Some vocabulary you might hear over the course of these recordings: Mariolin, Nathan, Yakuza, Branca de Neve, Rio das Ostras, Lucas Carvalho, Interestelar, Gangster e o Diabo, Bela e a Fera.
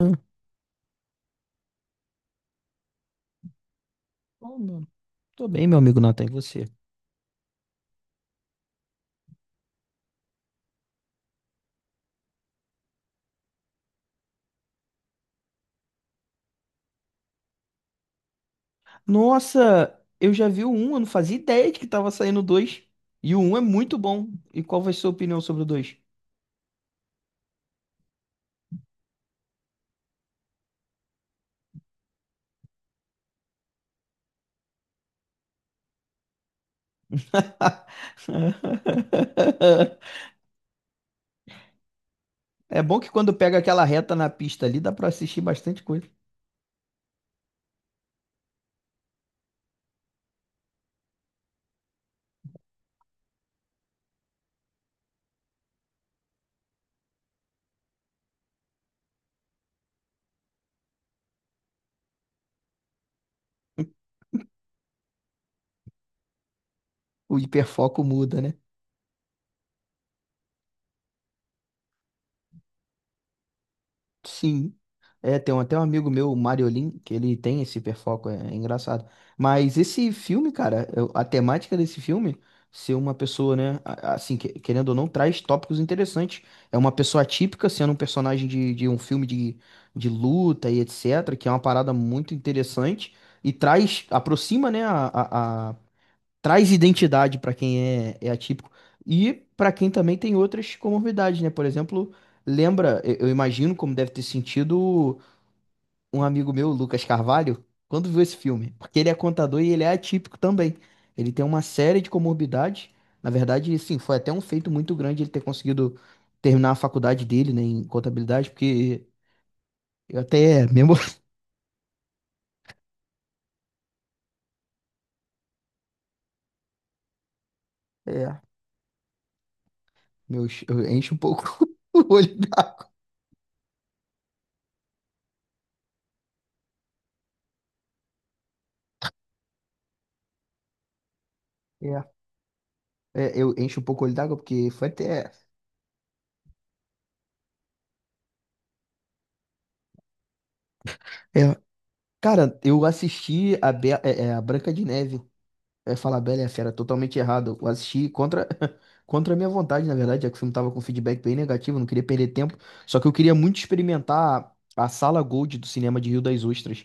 Ah, bom, meu. Tô bem, meu amigo Nathan, e você? Nossa, eu já vi o 1, eu não fazia ideia de que tava saindo o 2. E o 1 é muito bom. E qual vai ser a sua opinião sobre o 2? É bom que quando pega aquela reta na pista ali, dá pra assistir bastante coisa. O hiperfoco muda, né? Sim. É, tem até um amigo meu, o Mariolin, que ele tem esse hiperfoco, é engraçado. Mas esse filme, cara, a temática desse filme, ser uma pessoa, né, assim, querendo ou não, traz tópicos interessantes. É uma pessoa atípica sendo um personagem de um filme de luta e etc, que é uma parada muito interessante e traz, aproxima, né, traz identidade para quem é atípico e para quem também tem outras comorbidades, né? Por exemplo, lembra, eu imagino como deve ter sentido um amigo meu, Lucas Carvalho, quando viu esse filme, porque ele é contador e ele é atípico também. Ele tem uma série de comorbidades. Na verdade, sim, foi até um feito muito grande ele ter conseguido terminar a faculdade dele, né, em contabilidade, porque eu até mesmo é, eu encho um pouco o olho d'água. É, eu encho um pouco o olho d'água porque foi até é, Cara, eu assisti a, Be é, é, a Branca de Neve. Eu ia falar Bela e a Fera, totalmente errado. Eu assisti contra, contra a minha vontade, na verdade, já que o filme tava com feedback bem negativo, eu não queria perder tempo. Só que eu queria muito experimentar a sala Gold do cinema de Rio das Ostras,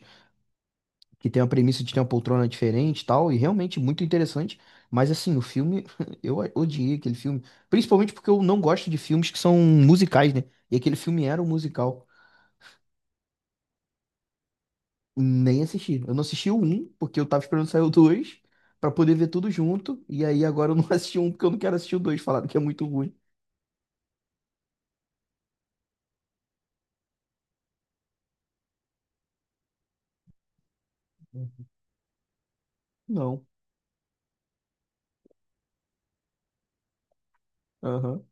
que tem a premissa de ter uma poltrona diferente e tal, e realmente muito interessante. Mas assim, o filme, eu odiei aquele filme. Principalmente porque eu não gosto de filmes que são musicais, né? E aquele filme era um musical. Nem assisti. Eu não assisti o um porque eu tava esperando sair o 2 pra poder ver tudo junto. E aí agora eu não assisti um porque eu não quero assistir o dois. Falaram que é muito ruim. Não. Aham.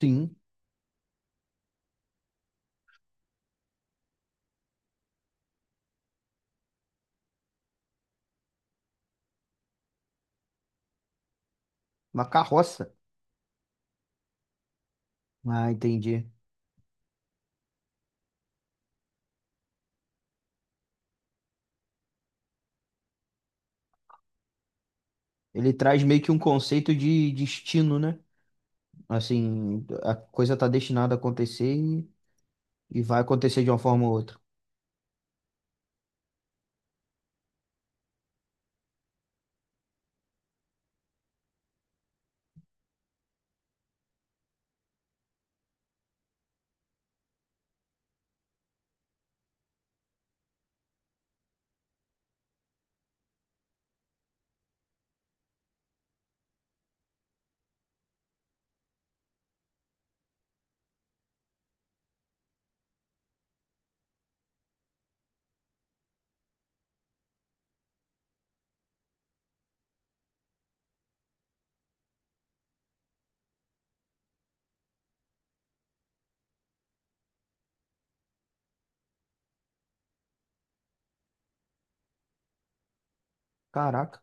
Sim. Uma carroça. Ah, entendi. Ele traz meio que um conceito de destino, né? Assim, a coisa tá destinada a acontecer e vai acontecer de uma forma ou outra. Caraca,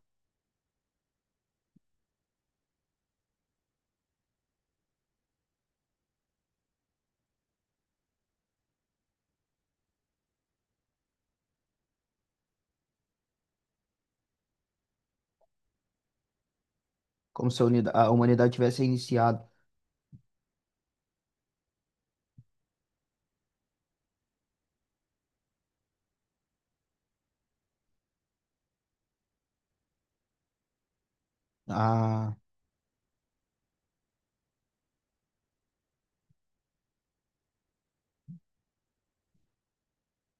como se a humanidade tivesse iniciado.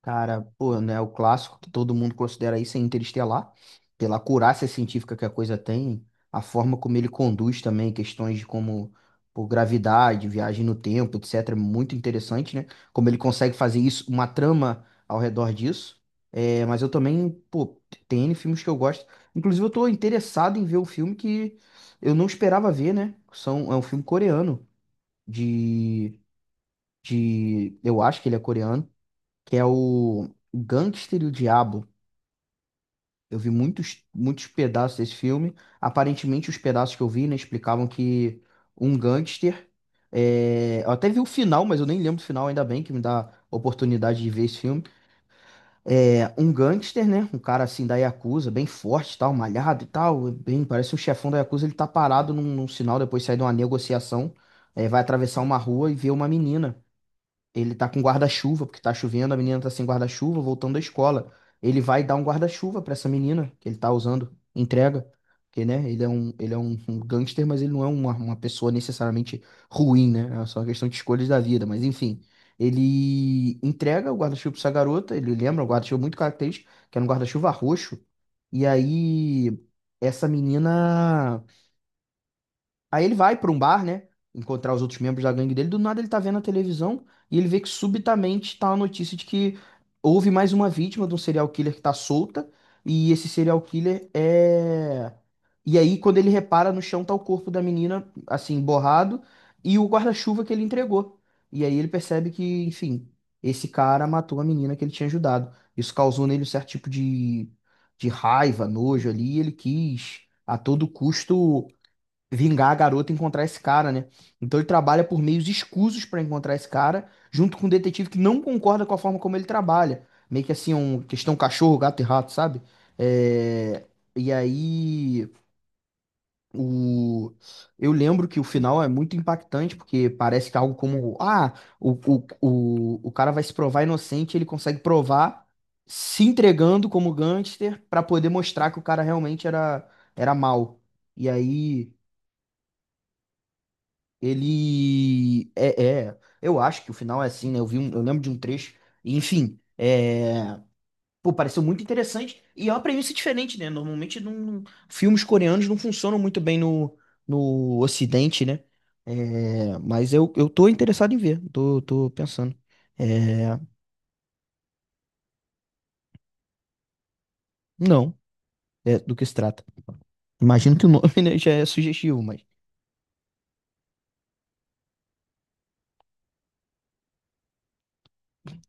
Cara, pô, né, o clássico que todo mundo considera isso é Interestelar, pela acurácia científica que a coisa tem, a forma como ele conduz também questões de como, por gravidade, viagem no tempo, etc, é muito interessante, né? Como ele consegue fazer isso, uma trama ao redor disso. É, mas eu também, pô, tem N filmes que eu gosto. Inclusive, eu tô interessado em ver um filme que eu não esperava ver, né? São, é um filme coreano, de, eu acho que ele é coreano que é o Gangster e o Diabo. Eu vi muitos, muitos pedaços desse filme. Aparentemente, os pedaços que eu vi, né, explicavam que um gangster. Eu até vi o final, mas eu nem lembro do final, ainda bem que me dá a oportunidade de ver esse filme. É um gangster, né? Um cara assim da Yakuza, bem forte, e tal, malhado e tal. Bem, parece um chefão da Yakuza. Ele tá parado num sinal, depois sai de uma negociação. Vai atravessar uma rua e vê uma menina. Ele tá com guarda-chuva, porque tá chovendo, a menina tá sem guarda-chuva, voltando da escola. Ele vai dar um guarda-chuva pra essa menina que ele tá usando, entrega. Porque, né, um gangster, mas ele não é uma pessoa necessariamente ruim, né? É só uma questão de escolhas da vida, mas enfim. Ele entrega o guarda-chuva pra essa garota, ele lembra um guarda-chuva muito característico, que era um guarda-chuva roxo. E aí, essa menina. Aí ele vai pra um bar, né? Encontrar os outros membros da gangue dele. Do nada ele tá vendo a televisão e ele vê que subitamente tá a notícia de que houve mais uma vítima de um serial killer que tá solta. E esse serial killer é. E aí, quando ele repara no chão, tá o corpo da menina, assim, borrado, e o guarda-chuva que ele entregou. E aí ele percebe que, enfim, esse cara matou a menina que ele tinha ajudado. Isso causou nele um certo tipo de, raiva, nojo ali, e ele quis, a todo custo vingar a garota e encontrar esse cara, né? Então ele trabalha por meios escusos pra encontrar esse cara, junto com um detetive que não concorda com a forma como ele trabalha. Meio que assim, um questão cachorro, gato e rato, sabe? É, e aí, o... eu lembro que o final é muito impactante, porque parece que é algo como, ah, o cara vai se provar inocente, ele consegue provar se entregando como gangster pra poder mostrar que o cara realmente era, era mal. E aí, ele é, eu acho que o final é assim, né? Eu vi um, eu lembro de um trecho, e, enfim, é, pô, pareceu muito interessante e é uma premissa diferente, né? Normalmente filmes coreanos não funcionam muito bem no, Ocidente, né? É, mas eu tô interessado em ver, tô pensando. É, não, é, do que se trata. Imagino que o nome, né, já é sugestivo, mas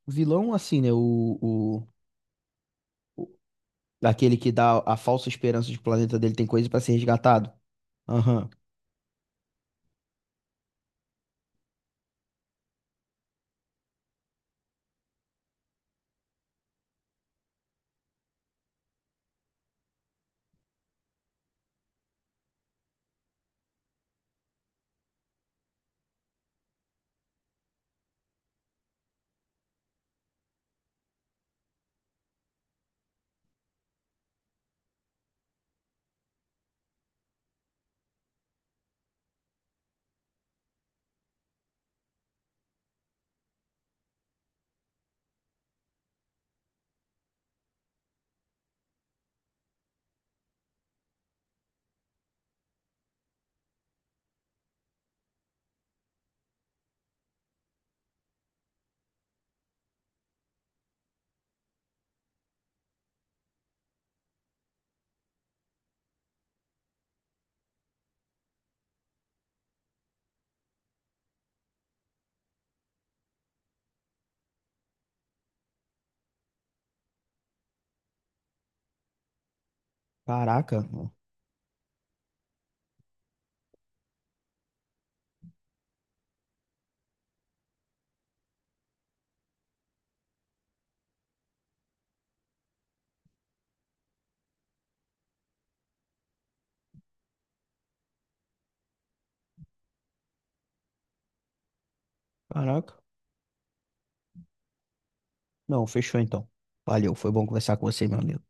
o vilão, assim, né? O, o- aquele que dá a falsa esperança de que o planeta dele tem coisa pra ser resgatado. Aham. Caraca. Caraca. Não, fechou então. Valeu, foi bom conversar com você, meu amigo.